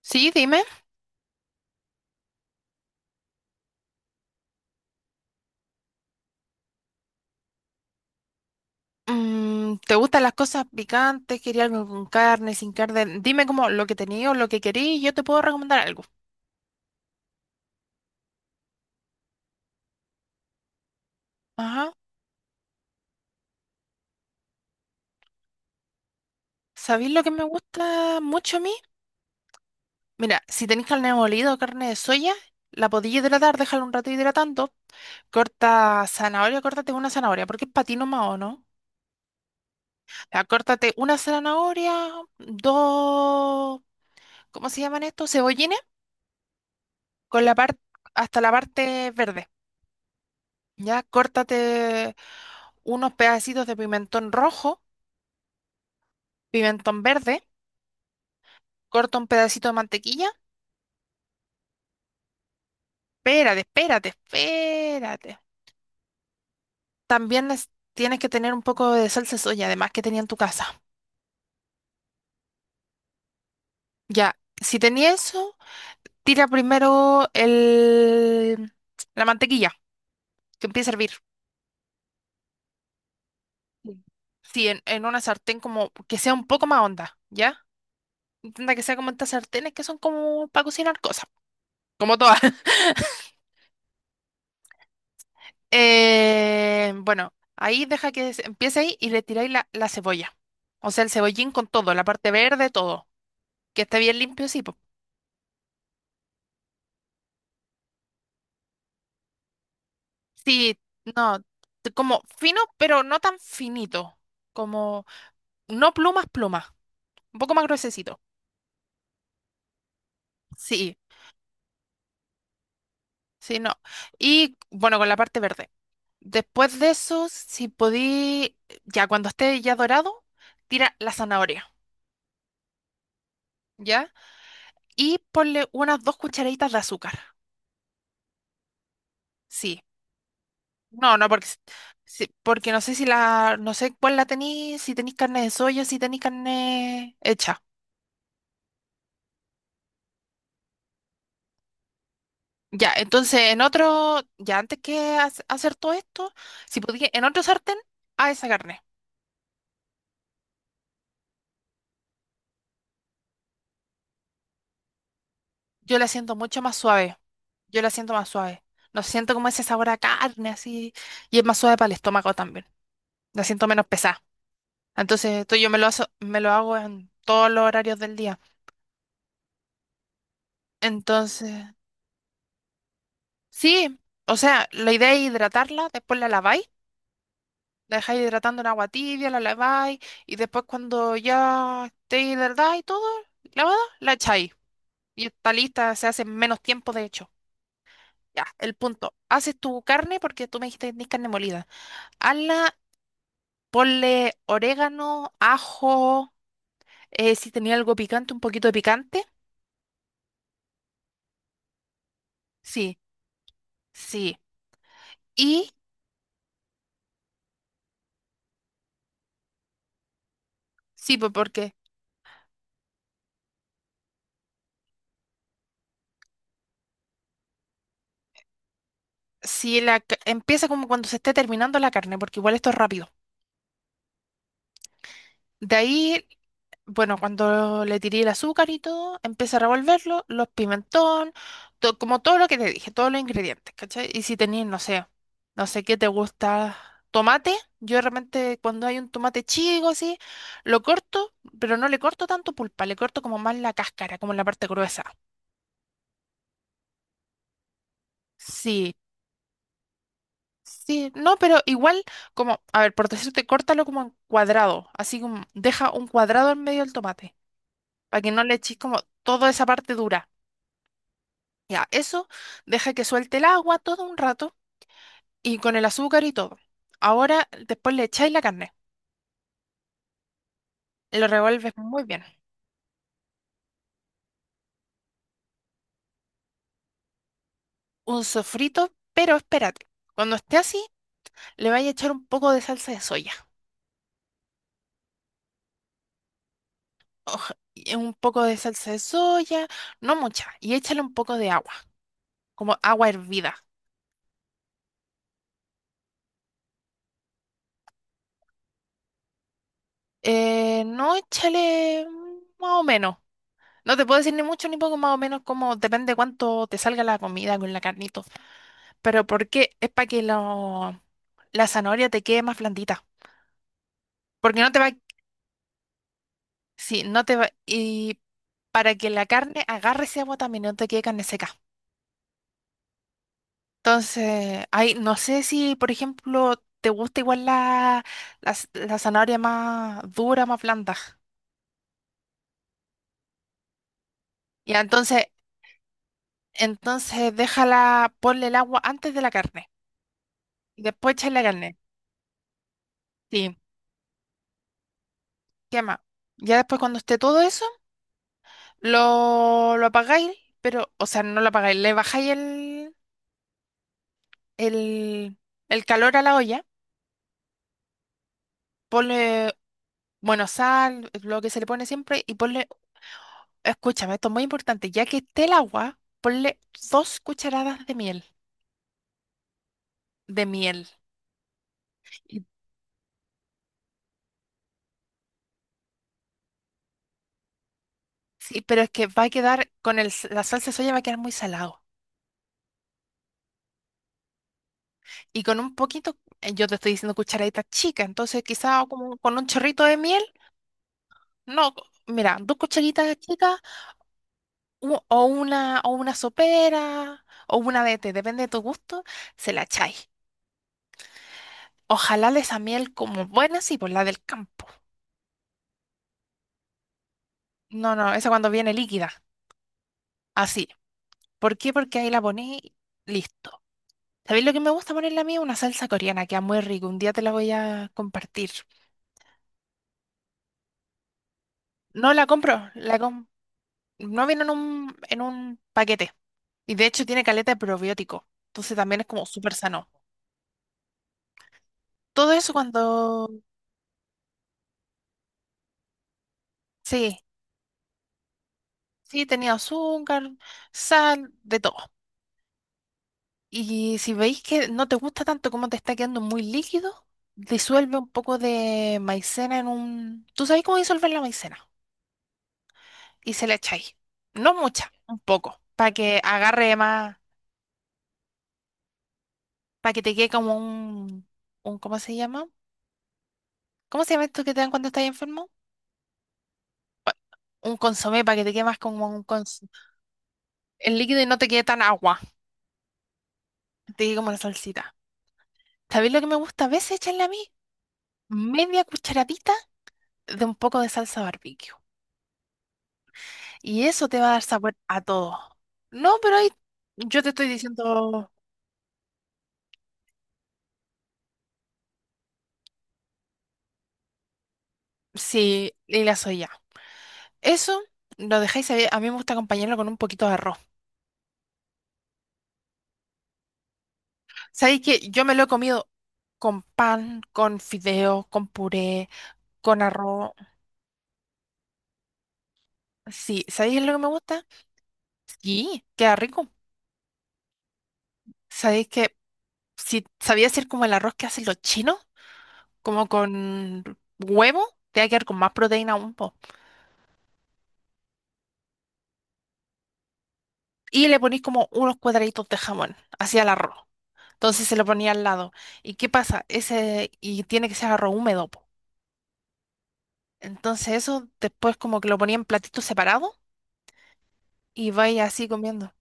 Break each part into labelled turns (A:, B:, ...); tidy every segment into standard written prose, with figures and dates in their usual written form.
A: Sí, dime. ¿Te gustan las cosas picantes? ¿Quería algo con carne, sin carne? Dime como lo que tenía o lo que quería y yo te puedo recomendar algo. Ajá. ¿Sabéis lo que me gusta mucho a mí? Mira, si tenéis carne molida o carne de soya, la podéis hidratar, déjala un rato hidratando. Corta zanahoria, córtate una zanahoria, porque es patino más o no. Ya, córtate una zanahoria, dos, ¿cómo se llaman estos? Cebollines, con la parte, hasta la parte verde. Ya, córtate unos pedacitos de pimentón rojo, pimentón verde, corta un pedacito de mantequilla. Espérate. También tienes que tener un poco de salsa de soya, además que tenía en tu casa. Ya, si tenía eso, tira primero la mantequilla, que empiece a hervir. Sí, sí, en una sartén como que sea un poco más honda, ¿ya? Intenta que sea como estas sartenes que son como para cocinar cosas, como todas. Bueno, ahí deja que empiece ahí y le tiráis la cebolla. O sea, el cebollín con todo, la parte verde, todo. Que esté bien limpio, sí, po. Sí, no, como fino, pero no tan finito. Como, no plumas, plumas. Un poco más gruesecito. Sí, sí, no. Y bueno, con la parte verde. Después de eso, si podí, ya cuando esté ya dorado, tira la zanahoria, ¿ya? Y ponle unas dos cucharaditas de azúcar. Sí. No, no, porque, sí, porque no sé si la, no sé cuál la tenéis, si tenéis carne de soya, si tenéis carne hecha. Ya, entonces en otro, ya antes que hacer todo esto, si podía, en otro sartén, a esa carne. Yo la siento mucho más suave. Yo la siento más suave. No siento como ese sabor a carne así. Y es más suave para el estómago también. La siento menos pesada. Entonces, esto yo me lo, me lo hago en todos los horarios del día. Entonces, sí. O sea, la idea es hidratarla, después la laváis. La dejáis hidratando en agua tibia, la laváis y después cuando ya esté hidratada y todo, lavada, la echáis. Y está lista, se hace en menos tiempo de hecho. Ya, el punto. Haces tu carne porque tú me dijiste que tenés carne molida. Hazla, ponle orégano, ajo, si tenía algo picante, un poquito de picante. Sí, sí. Y sí, pues porque si empieza como cuando se esté terminando la carne, porque igual esto es rápido. De ahí bueno, cuando le tiré el azúcar y todo, empecé a revolverlo, los pimentón, como todo lo que te dije, todos los ingredientes, ¿cachai? Y si tenías, no sé, no sé qué te gusta, tomate, yo de repente cuando hay un tomate chico así, lo corto, pero no le corto tanto pulpa, le corto como más la cáscara, como la parte gruesa. Sí, sí, no, pero igual, como, a ver, por decirte, córtalo como en cuadrado, así como deja un cuadrado en medio del tomate, para que no le eches como toda esa parte dura. Ya, eso deja que suelte el agua todo un rato y con el azúcar y todo. Ahora después le echáis la carne, lo revuelves muy bien. Un sofrito, pero espérate, cuando esté así le vais a echar un poco de salsa de soya. Oj, y un poco de salsa de soya, no mucha, y échale un poco de agua, como agua hervida. No échale más o menos. No te puedo decir ni mucho ni poco, más o menos, como depende cuánto te salga la comida con la carnito. Pero ¿por qué? Es para que lo la zanahoria te quede más blandita, porque no te va, sí, no te va, y para que la carne agarre ese agua también, no te quede carne seca. Entonces, ahí no sé si, por ejemplo, te gusta igual la, la, la zanahoria más dura, más blanda. Ya, entonces, entonces déjala, ponle el agua antes de la carne y después echar la carne. Sí, quema. Ya después cuando esté todo eso, lo apagáis, pero, o sea, no lo apagáis, le bajáis el, el calor a la olla, ponle, bueno, sal, lo que se le pone siempre, y ponle, escúchame, esto es muy importante, ya que esté el agua, ponle dos cucharadas de miel, de miel. Y- Sí, pero es que va a quedar, con el, la salsa de soya va a quedar muy salado. Y con un poquito, yo te estoy diciendo cucharaditas chicas, entonces quizá como con un chorrito de miel, no, mira, dos cucharitas chicas, o una sopera, o una de té, depende de tu gusto, se la echáis. Ojalá de esa miel como buena, sí, por la del campo. No, no, esa cuando viene líquida. Así. ¿Por qué? Porque ahí la poní, listo. ¿Sabéis lo que me gusta ponerle a mí? Una salsa coreana, queda muy rico. Un día te la voy a compartir. No la compro, no viene en un paquete. Y de hecho tiene caleta de probiótico. Entonces también es como súper sano. Todo eso cuando... Sí, sí, tenía azúcar, sal, de todo. Y si veis que no te gusta tanto como te está quedando muy líquido, disuelve un poco de maicena en un... ¿Tú sabes cómo disolver la maicena? Y se la echáis. No mucha, un poco, para que agarre más, para que te quede como un... ¿Cómo se llama? ¿Cómo se llama esto que te dan cuando estás enfermo? Un consomé, para que te quede más como un consomé. El líquido y no te quede tan agua, te quede como la salsita. ¿Sabéis lo que me gusta a veces echarle a mí? Media cucharadita de un poco de salsa barbecue. Y eso te va a dar sabor a todo. No, pero ahí yo te estoy diciendo sí, y la soya. Eso lo dejáis ahí. A mí me gusta acompañarlo con un poquito de arroz. Sabéis que yo me lo he comido con pan, con fideo, con puré, con arroz. Sí, ¿sabéis lo que me gusta? Sí, queda rico. ¿Sabéis que si sabía hacer como el arroz que hacen los chinos, como con huevo, te va a quedar con más proteína aún, po? Y le ponéis como unos cuadraditos de jamón hacia el arroz. Entonces se lo ponía al lado. ¿Y qué pasa? Ese, y tiene que ser arroz húmedo, po. Entonces eso después como que lo ponía en platito separado y vais así comiendo.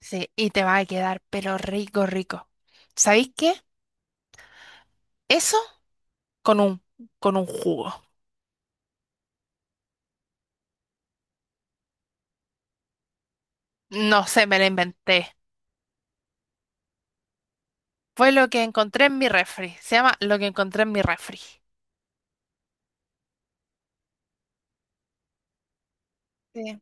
A: Sí, y te va a quedar, pero rico, rico. ¿Sabéis qué? Eso con un, con un jugo. No sé, me lo inventé. Fue lo que encontré en mi refri. Se llama lo que encontré en mi refri. Sí.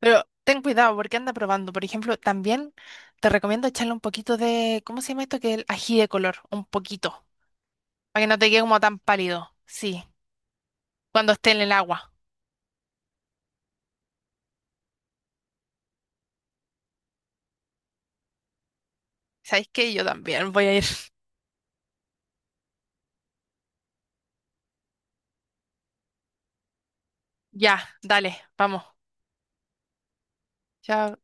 A: Pero ten cuidado porque anda probando. Por ejemplo, también te recomiendo echarle un poquito de, ¿cómo se llama esto? Que el ají de color, un poquito. Para que no te quede como tan pálido. Sí, cuando esté en el agua. ¿Sabéis qué? Yo también voy a ir. Ya, dale, vamos. Chao.